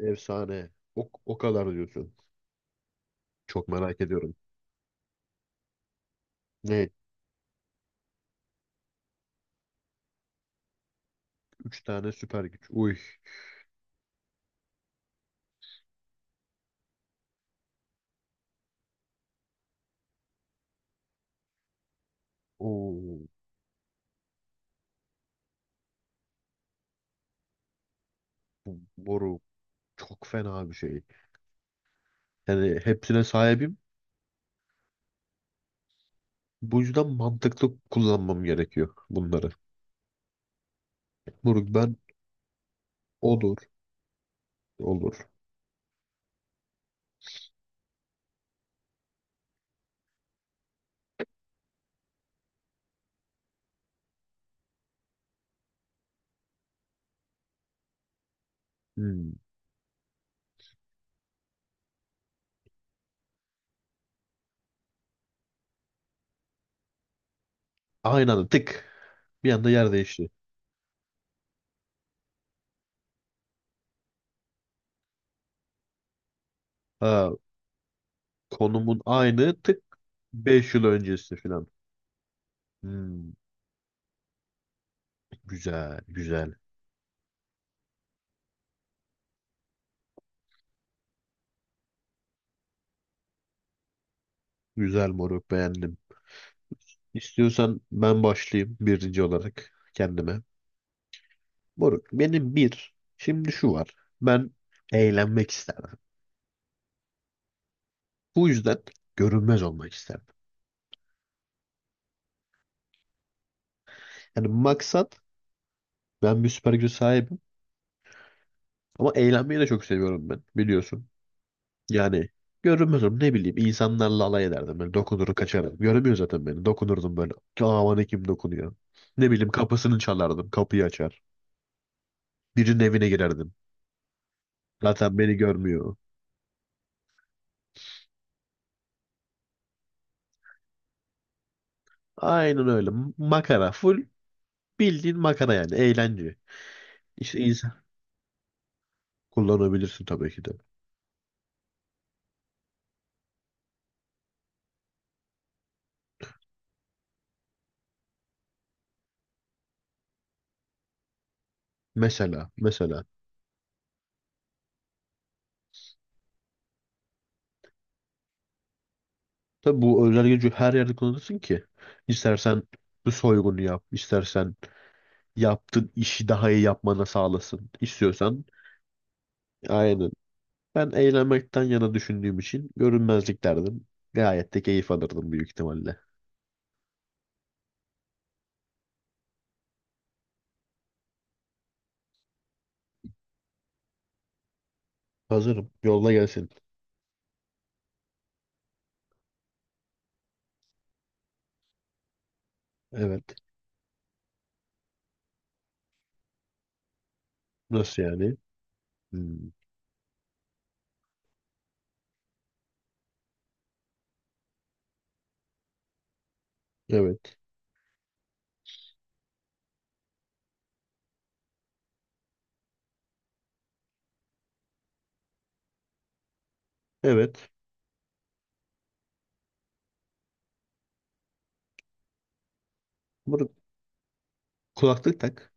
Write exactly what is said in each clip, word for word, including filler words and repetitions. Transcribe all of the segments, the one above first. Efsane. O, o kadar diyorsun. Çok merak ediyorum. Ne? Üç tane süper güç. Uy. Oo. Bu boru çok fena bir şey. Yani hepsine sahibim. Bu yüzden mantıklı kullanmam gerekiyor bunları. Moruk ben olur. Olur. Hmm. Aynı anda tık. Bir anda yer değişti. Ha, konumun aynı tık. Beş yıl öncesi falan. Hmm. Güzel. Güzel. Güzel moruk beğendim. İstiyorsan ben başlayayım birinci olarak kendime. Moruk benim bir şimdi şu var. Ben eğlenmek isterdim. Bu yüzden görünmez olmak isterdim. Yani maksat, ben bir süper güce sahibim, ama eğlenmeyi de çok seviyorum ben biliyorsun. Yani görünmez olurum, ne bileyim, insanlarla alay ederdim. Ben dokunur kaçarım. Göremiyor zaten beni. Dokunurdum böyle. Aman kim dokunuyor. Ne bileyim, kapısını çalardım. Kapıyı açar. Birinin evine girerdim. Zaten beni görmüyor. Aynen öyle. Makara. Full bildiğin makara yani. Eğlence. İşte insan kullanabilirsin tabii ki de. Mesela, mesela. Tabii bu özel gücü her yerde kullanırsın ki. İstersen bu soygunu yap, istersen yaptığın işi daha iyi yapmana sağlasın. İstiyorsan aynen. Ben eğlenmekten yana düşündüğüm için görünmezlik derdim. Gayet de keyif alırdım büyük ihtimalle. Hazırım. Yolla gelsin. Evet. Nasıl yani? Hmm. Evet. Evet. Bunu kulaklık tak.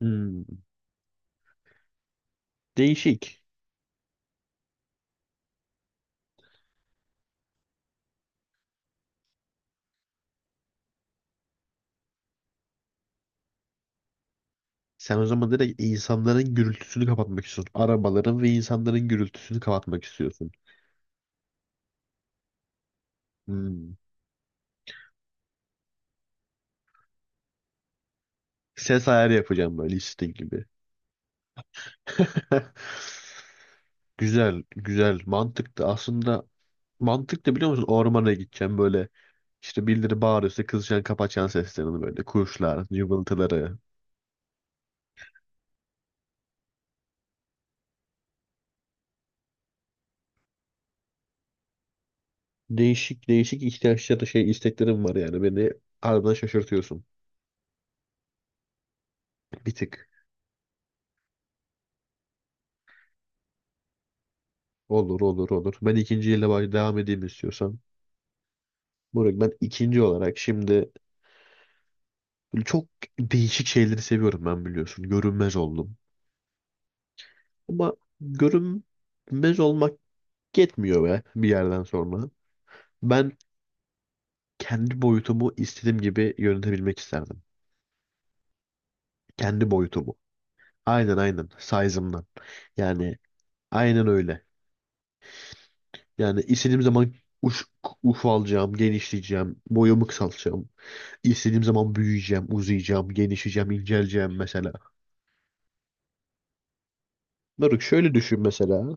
Hmm. Değişik. Sen o zaman direkt insanların gürültüsünü kapatmak istiyorsun. Arabaların ve insanların gürültüsünü kapatmak istiyorsun. Hmm. Ses ayarı yapacağım böyle listing gibi. Güzel, güzel. Mantıklı. Aslında mantıklı biliyor musun? Ormana gideceğim böyle. İşte birileri bağırıyorsa kızacaksın, kapatacaksın seslerini böyle. Kuşlar, cıvıltıları. Değişik değişik ihtiyaçları, şey, isteklerim var yani. Beni harbiden şaşırtıyorsun. Bir tık. Olur olur olur. Ben ikinci yıla bak- devam edeyim istiyorsan. Moruk ben ikinci olarak şimdi böyle çok değişik şeyleri seviyorum ben biliyorsun. Görünmez oldum. Ama görünmez olmak yetmiyor be bir yerden sonra. Ben kendi boyutumu istediğim gibi yönetebilmek isterdim. Kendi boyutumu. Aynen aynen. Size'ımdan. Yani aynen öyle. Yani istediğim zaman uç, ufalacağım, genişleyeceğim, boyumu kısaltacağım. İstediğim zaman büyüyeceğim, uzayacağım, genişleyeceğim, inceleyeceğim mesela. Moruk şöyle düşün mesela.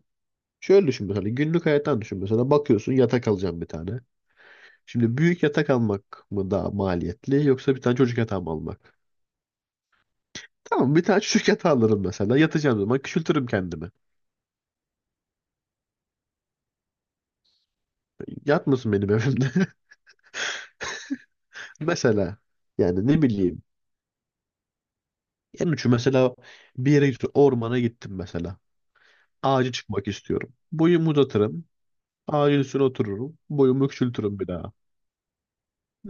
Şöyle düşün mesela, günlük hayattan düşün mesela, bakıyorsun yatak alacağım bir tane. Şimdi büyük yatak almak mı daha maliyetli, yoksa bir tane çocuk yatağı mı almak? Tamam, bir tane çocuk yatağı alırım mesela, yatacağım zaman küçültürüm kendimi. Yatmasın benim evimde. Mesela yani, ne bileyim, en ucu mesela, bir yere gittim, ormana gittim mesela. Ağacı çıkmak istiyorum. Boyumu uzatırım. Ağacın üstüne otururum. Boyumu küçültürüm bir daha.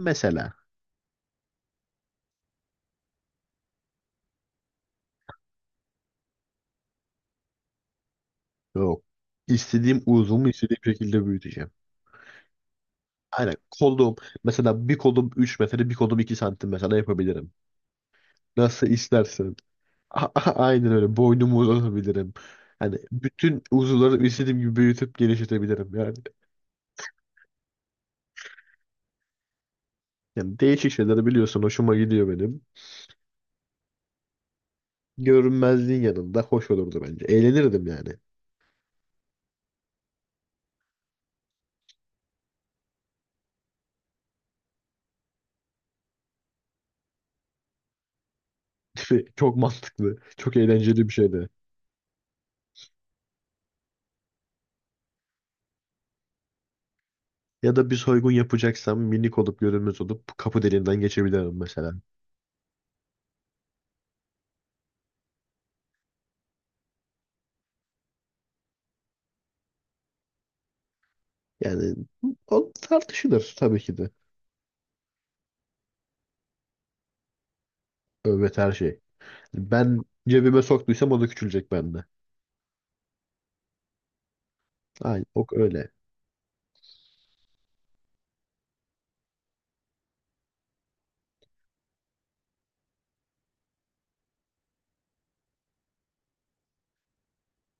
Mesela yok. İstediğim uzuvumu istediğim şekilde büyüteceğim. Aynen kolum mesela, bir kolum üç metre, bir kolum iki santim mesela yapabilirim. Nasıl istersen. A- a- Aynen öyle boynumu uzatabilirim. Hani bütün uzuvları istediğim gibi büyütüp genişletebilirim yani. Yani değişik şeyleri biliyorsun, hoşuma gidiyor benim. Görünmezliğin yanında hoş olurdu bence. Eğlenirdim yani. Çok mantıklı. Çok eğlenceli bir şeydi. Ya da bir soygun yapacaksam, minik olup görünmez olup kapı deliğinden geçebilirim mesela. Yani o tartışılır tabii ki de. Evet her şey. Ben cebime soktuysam o da küçülecek bende. Aynen o öyle.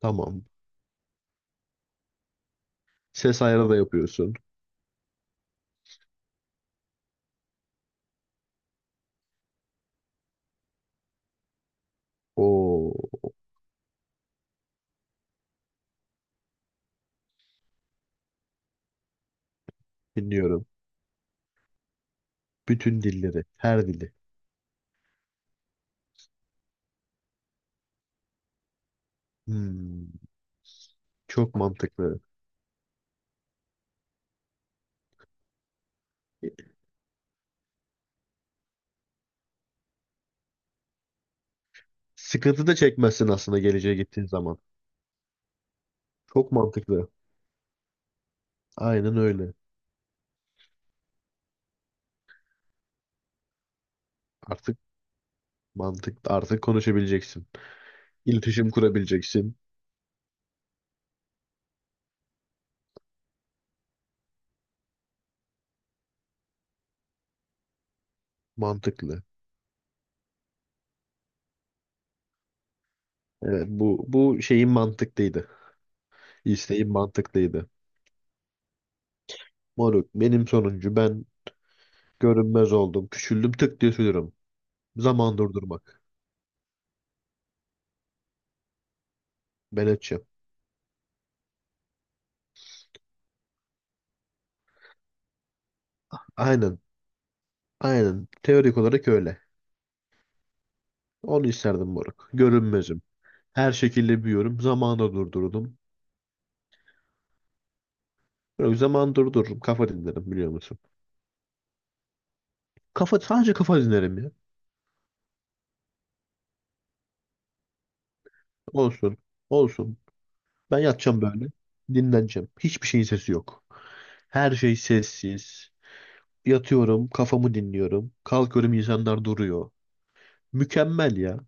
Tamam. Ses ayarı da yapıyorsun. Oo, dinliyorum. Bütün dilleri, her dili. Hmm, çok mantıklı. Sıkıntı da çekmezsin aslında geleceğe gittiğin zaman. Çok mantıklı. Aynen öyle. Artık mantık, artık konuşabileceksin. İletişim kurabileceksin. Mantıklı. Evet, bu bu şeyin mantıklıydı. İsteğin mantıklıydı. Moruk benim sonuncu, ben görünmez oldum. Küçüldüm, tık diye sürüyorum. Zaman durdurmak. Ben açım. Aynen. Aynen. Teorik olarak öyle. Onu isterdim moruk. Görünmezim. Her şekilde büyüyorum. Zamanı durdurdum. Yok, zaman durdururum. Kafa dinlerim biliyor musun? Kafa, sadece kafa dinlerim ya. Olsun. Olsun. Ben yatacağım böyle. Dinleneceğim. Hiçbir şeyin sesi yok. Her şey sessiz. Yatıyorum. Kafamı dinliyorum. Kalkıyorum. İnsanlar duruyor. Mükemmel ya.